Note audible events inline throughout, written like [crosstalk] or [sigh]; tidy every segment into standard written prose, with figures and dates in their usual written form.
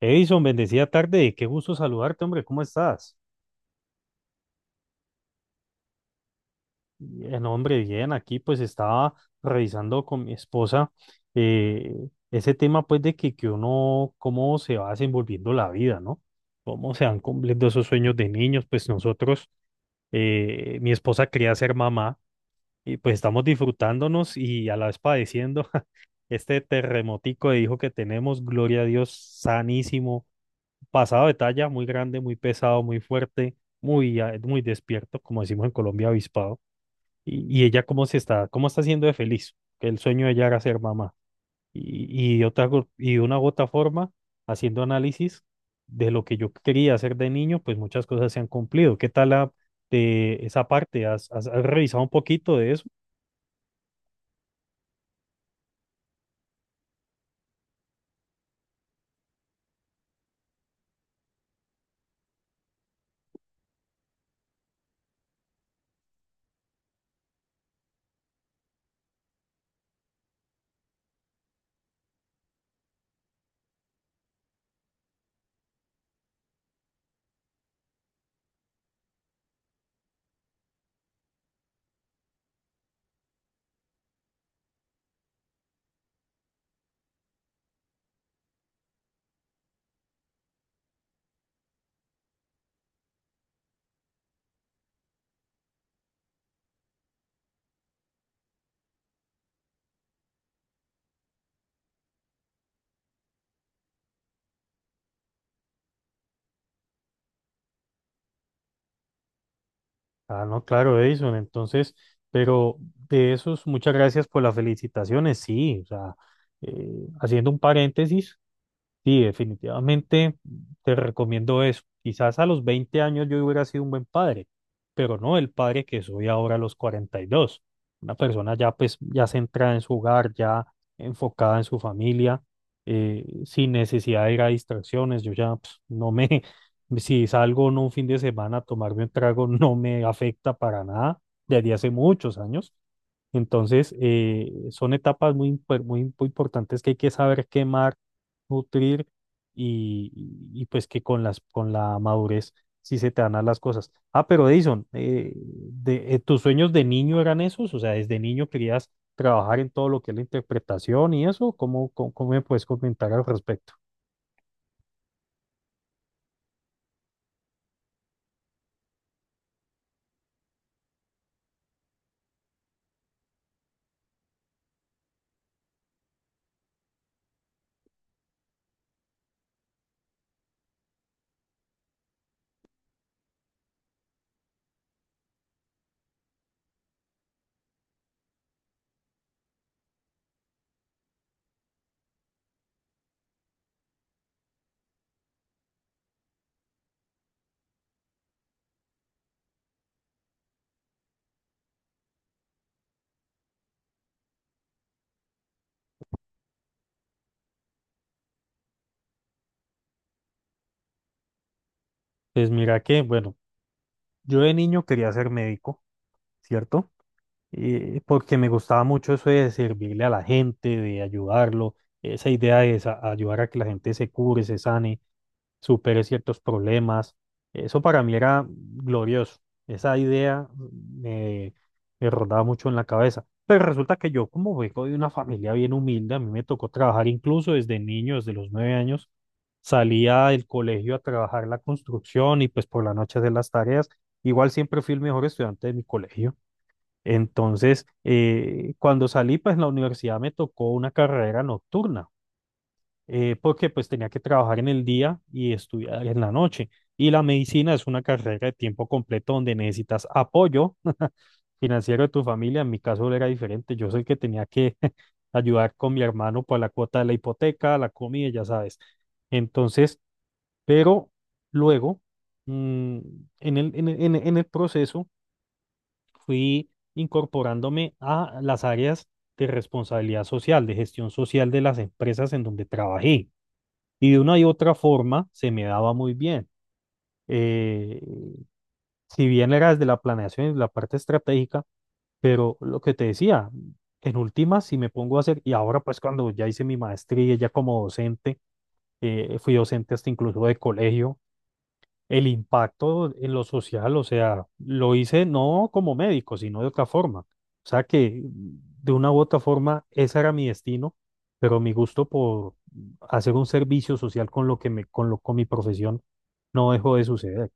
Edison, bendecida tarde, qué gusto saludarte, hombre, ¿cómo estás? Bien, hombre, bien, aquí pues estaba revisando con mi esposa eh, ese tema pues de que uno, cómo se va desenvolviendo la vida, ¿no? Cómo se van cumpliendo esos sueños de niños, pues nosotros, mi esposa quería ser mamá y pues estamos disfrutándonos y a la vez padeciendo [laughs] este terremotico de hijo que tenemos, gloria a Dios, sanísimo pasado de talla, muy grande, muy pesado, muy fuerte, muy, muy despierto, como decimos en Colombia, avispado. Y ella cómo se está, cómo está siendo de feliz, que el sueño de ella era ser mamá. Y de una u otra forma, haciendo análisis de lo que yo quería hacer de niño, pues muchas cosas se han cumplido. ¿Qué tal de esa parte? ¿Has revisado un poquito de eso? Ah, no, claro, Edison. Entonces, pero de esos, muchas gracias por las felicitaciones. Sí, o sea, eh, haciendo un paréntesis, sí, definitivamente te recomiendo eso. Quizás a los 20 años yo hubiera sido un buen padre, pero no el padre que soy ahora a los 42. Una persona ya pues ya centrada en su hogar, ya enfocada en su familia, sin necesidad de ir a distracciones. Yo ya pues, no me, [laughs] si salgo no un fin de semana a tomarme un trago, [laughs] no me afecta para nada desde hace muchos años. Entonces, son etapas muy importantes que hay que saber quemar, nutrir y pues que con la madurez sí se te dan a las cosas. Ah, pero Edison, ¿tus sueños de niño eran esos? O sea, ¿desde niño querías trabajar en todo lo que es la interpretación y eso? ¿Cómo me puedes comentar al respecto? Pues mira que, bueno, yo de niño quería ser médico, ¿cierto? Porque me gustaba mucho eso de servirle a la gente, de ayudarlo, esa idea de ayudar a que la gente se cure, se sane, supere ciertos problemas. Eso para mí era glorioso. Esa idea me rondaba mucho en la cabeza. Pero resulta que yo, como vengo de una familia bien humilde, a mí me tocó trabajar incluso desde niño, desde los 9 años. Salía del colegio a trabajar la construcción y pues por la noche de las tareas. Igual siempre fui el mejor estudiante de mi colegio. Entonces, cuando salí, pues en la universidad me tocó una carrera nocturna, porque pues tenía que trabajar en el día y estudiar en la noche. Y la medicina es una carrera de tiempo completo donde necesitas apoyo financiero de tu familia. En mi caso era diferente. Yo soy el que tenía que [laughs] ayudar con mi hermano por la cuota de la hipoteca, la comida, ya sabes. Entonces, pero luego, mm, en el proceso fui incorporándome a las áreas de responsabilidad social, de gestión social de las empresas en donde trabajé. Y de una y otra forma se me daba muy bien. Eh, si bien era desde la planeación y la parte estratégica, pero lo que te decía, en últimas, si me pongo a hacer, y ahora pues cuando ya hice mi maestría, ya como docente, fui docente hasta incluso de colegio, el impacto en lo social, o sea, lo hice no como médico, sino de otra forma. O sea que de una u otra forma ese era mi destino, pero mi gusto por hacer un servicio social con lo que me, con lo, con mi profesión no dejó de suceder.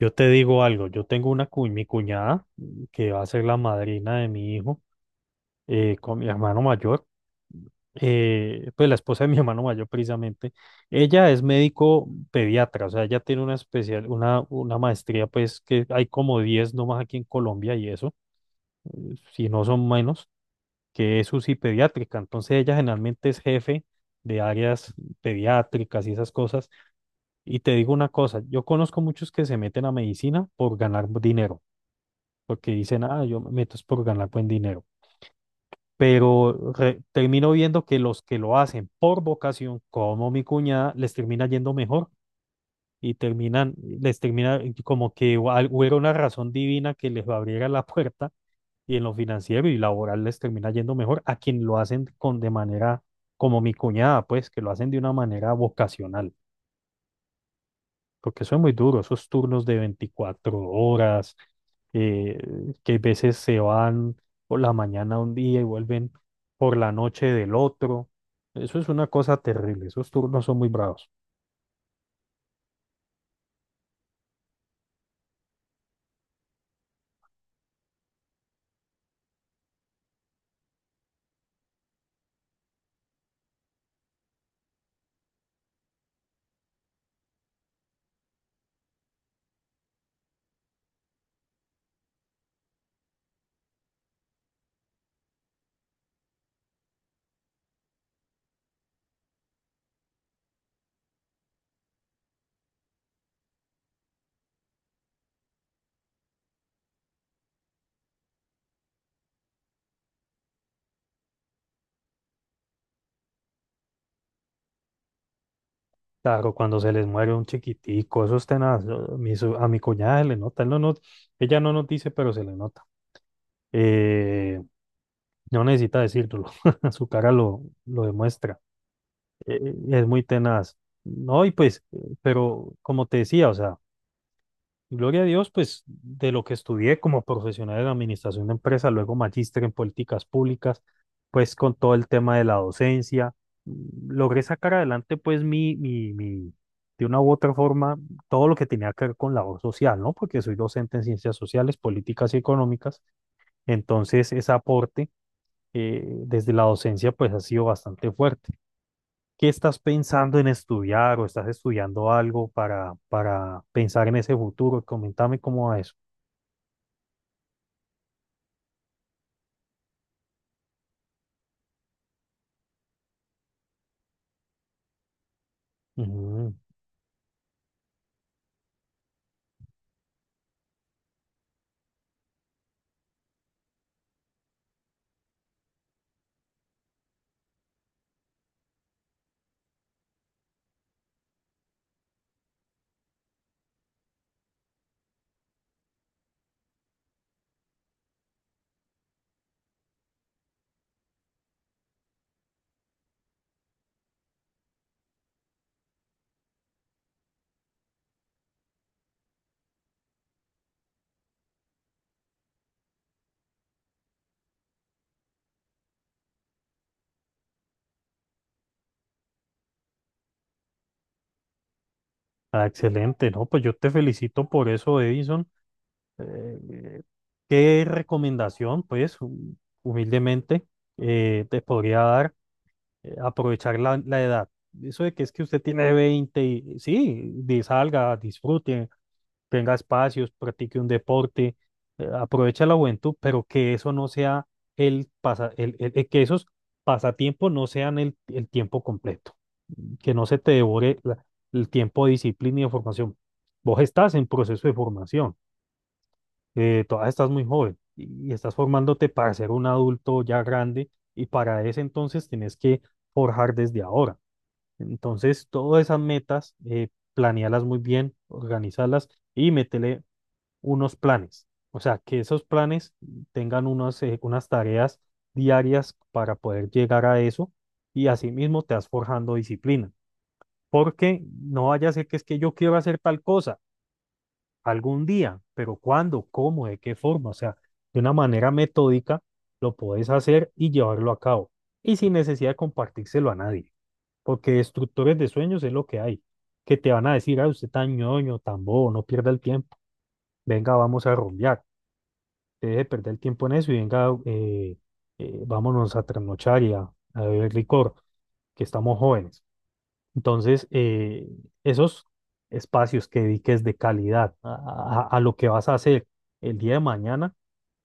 Yo te digo algo, yo tengo mi cuñada que va a ser la madrina de mi hijo, con mi hermano mayor. Pues la esposa de mi [laughs] hermano mayor precisamente, ella es médico pediatra, o sea, ella tiene una maestría, pues que hay como 10 nomás aquí en Colombia y eso, si no son menos, que es UCI pediátrica, entonces ella generalmente es jefe de áreas pediátricas y esas cosas, y te digo una cosa, yo conozco muchos que se meten a medicina por ganar dinero, porque dicen, ah, yo me meto es por ganar buen dinero. Pero termino viendo que los que lo hacen por vocación, como mi cuñada, les termina yendo mejor y terminan, les termina como que hubiera una razón divina que les abriera la [laughs] puerta y en lo financiero y laboral les termina yendo mejor a quien lo hacen con de manera como mi cuñada, pues que lo hacen de una manera vocacional porque eso es muy duro, esos turnos de 24 horas, eh, que a veces se van por la mañana un día y vuelven por la noche del otro. Eso es una cosa terrible, esos turnos son muy bravos. Claro, cuando se les muere un chiquitico, eso es tenaz. A mi cuñada se le nota, él no nos- ella no nos dice, pero se le nota. Eh, no necesita decírtelo, [laughs] su cara lo demuestra. Es muy tenaz. No, y pues, pero como te decía, o sea, Gloria a Dios, pues de lo que estudié como profesional en administración de empresas, luego magíster en políticas públicas, pues con todo el tema de la docencia, logré sacar adelante pues de una u otra forma, todo lo que tenía que ver con labor social, ¿no? Porque soy docente en ciencias sociales, políticas y económicas, entonces ese aporte, desde la docencia pues ha sido bastante fuerte. ¿Qué estás pensando en estudiar o estás estudiando algo para pensar en ese futuro? Coméntame cómo va eso. Ujú. Ah, excelente, ¿no? Pues yo te felicito por eso, Edison. Eh, ¿Qué recomendación, pues, humildemente, te podría dar? Aprovechar la edad. Eso de que es que usted tiene 20 y, sí, salga, disfrute, tenga espacios, practique un deporte, aprovecha la juventud, pero que eso no sea el pasa, el- que esos pasatiempos no sean el tiempo completo. Que no se te devore el tiempo de disciplina y de formación. Vos estás en proceso de formación, todavía estás muy joven y estás formándote para ser un adulto ya grande y para ese entonces tenés que forjar desde ahora. Entonces, todas esas metas, planéalas muy bien, organízalas y métele unos planes. O sea, que esos planes tengan unas tareas diarias para poder llegar a eso y asimismo te vas forjando disciplina porque no vaya a ser que es que yo quiero hacer tal cosa algún día, pero ¿cuándo? ¿Cómo? ¿De qué forma? O sea, de una manera metódica lo puedes hacer y llevarlo a cabo y sin necesidad de compartírselo a nadie, porque destructores de sueños es lo que hay, que te van a decir, ah, usted tan ñoño, tan bobo, no pierda el tiempo, venga, vamos a rumbear, deje de perder el tiempo en eso y venga, vámonos a trasnochar y a- beber licor, que estamos jóvenes. Entonces, esos espacios que dediques de calidad a lo que vas a hacer el día de mañana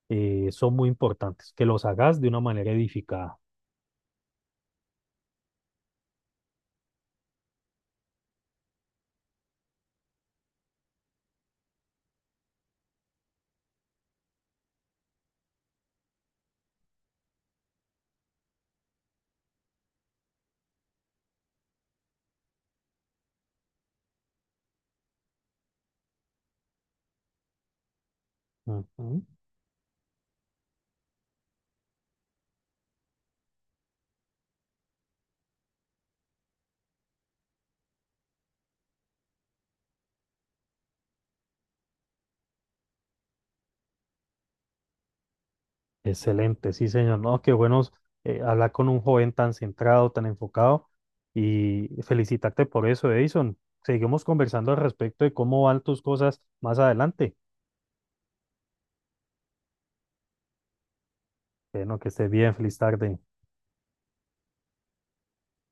eh, son muy importantes, que los hagas de una manera edificada. Ujú. Excelente, sí, señor. No, qué bueno, hablar con un joven tan centrado, tan enfocado y felicitarte por eso, Edison. Seguimos conversando al respecto de cómo van tus cosas más adelante. Bueno, que estés bien, feliz tarde.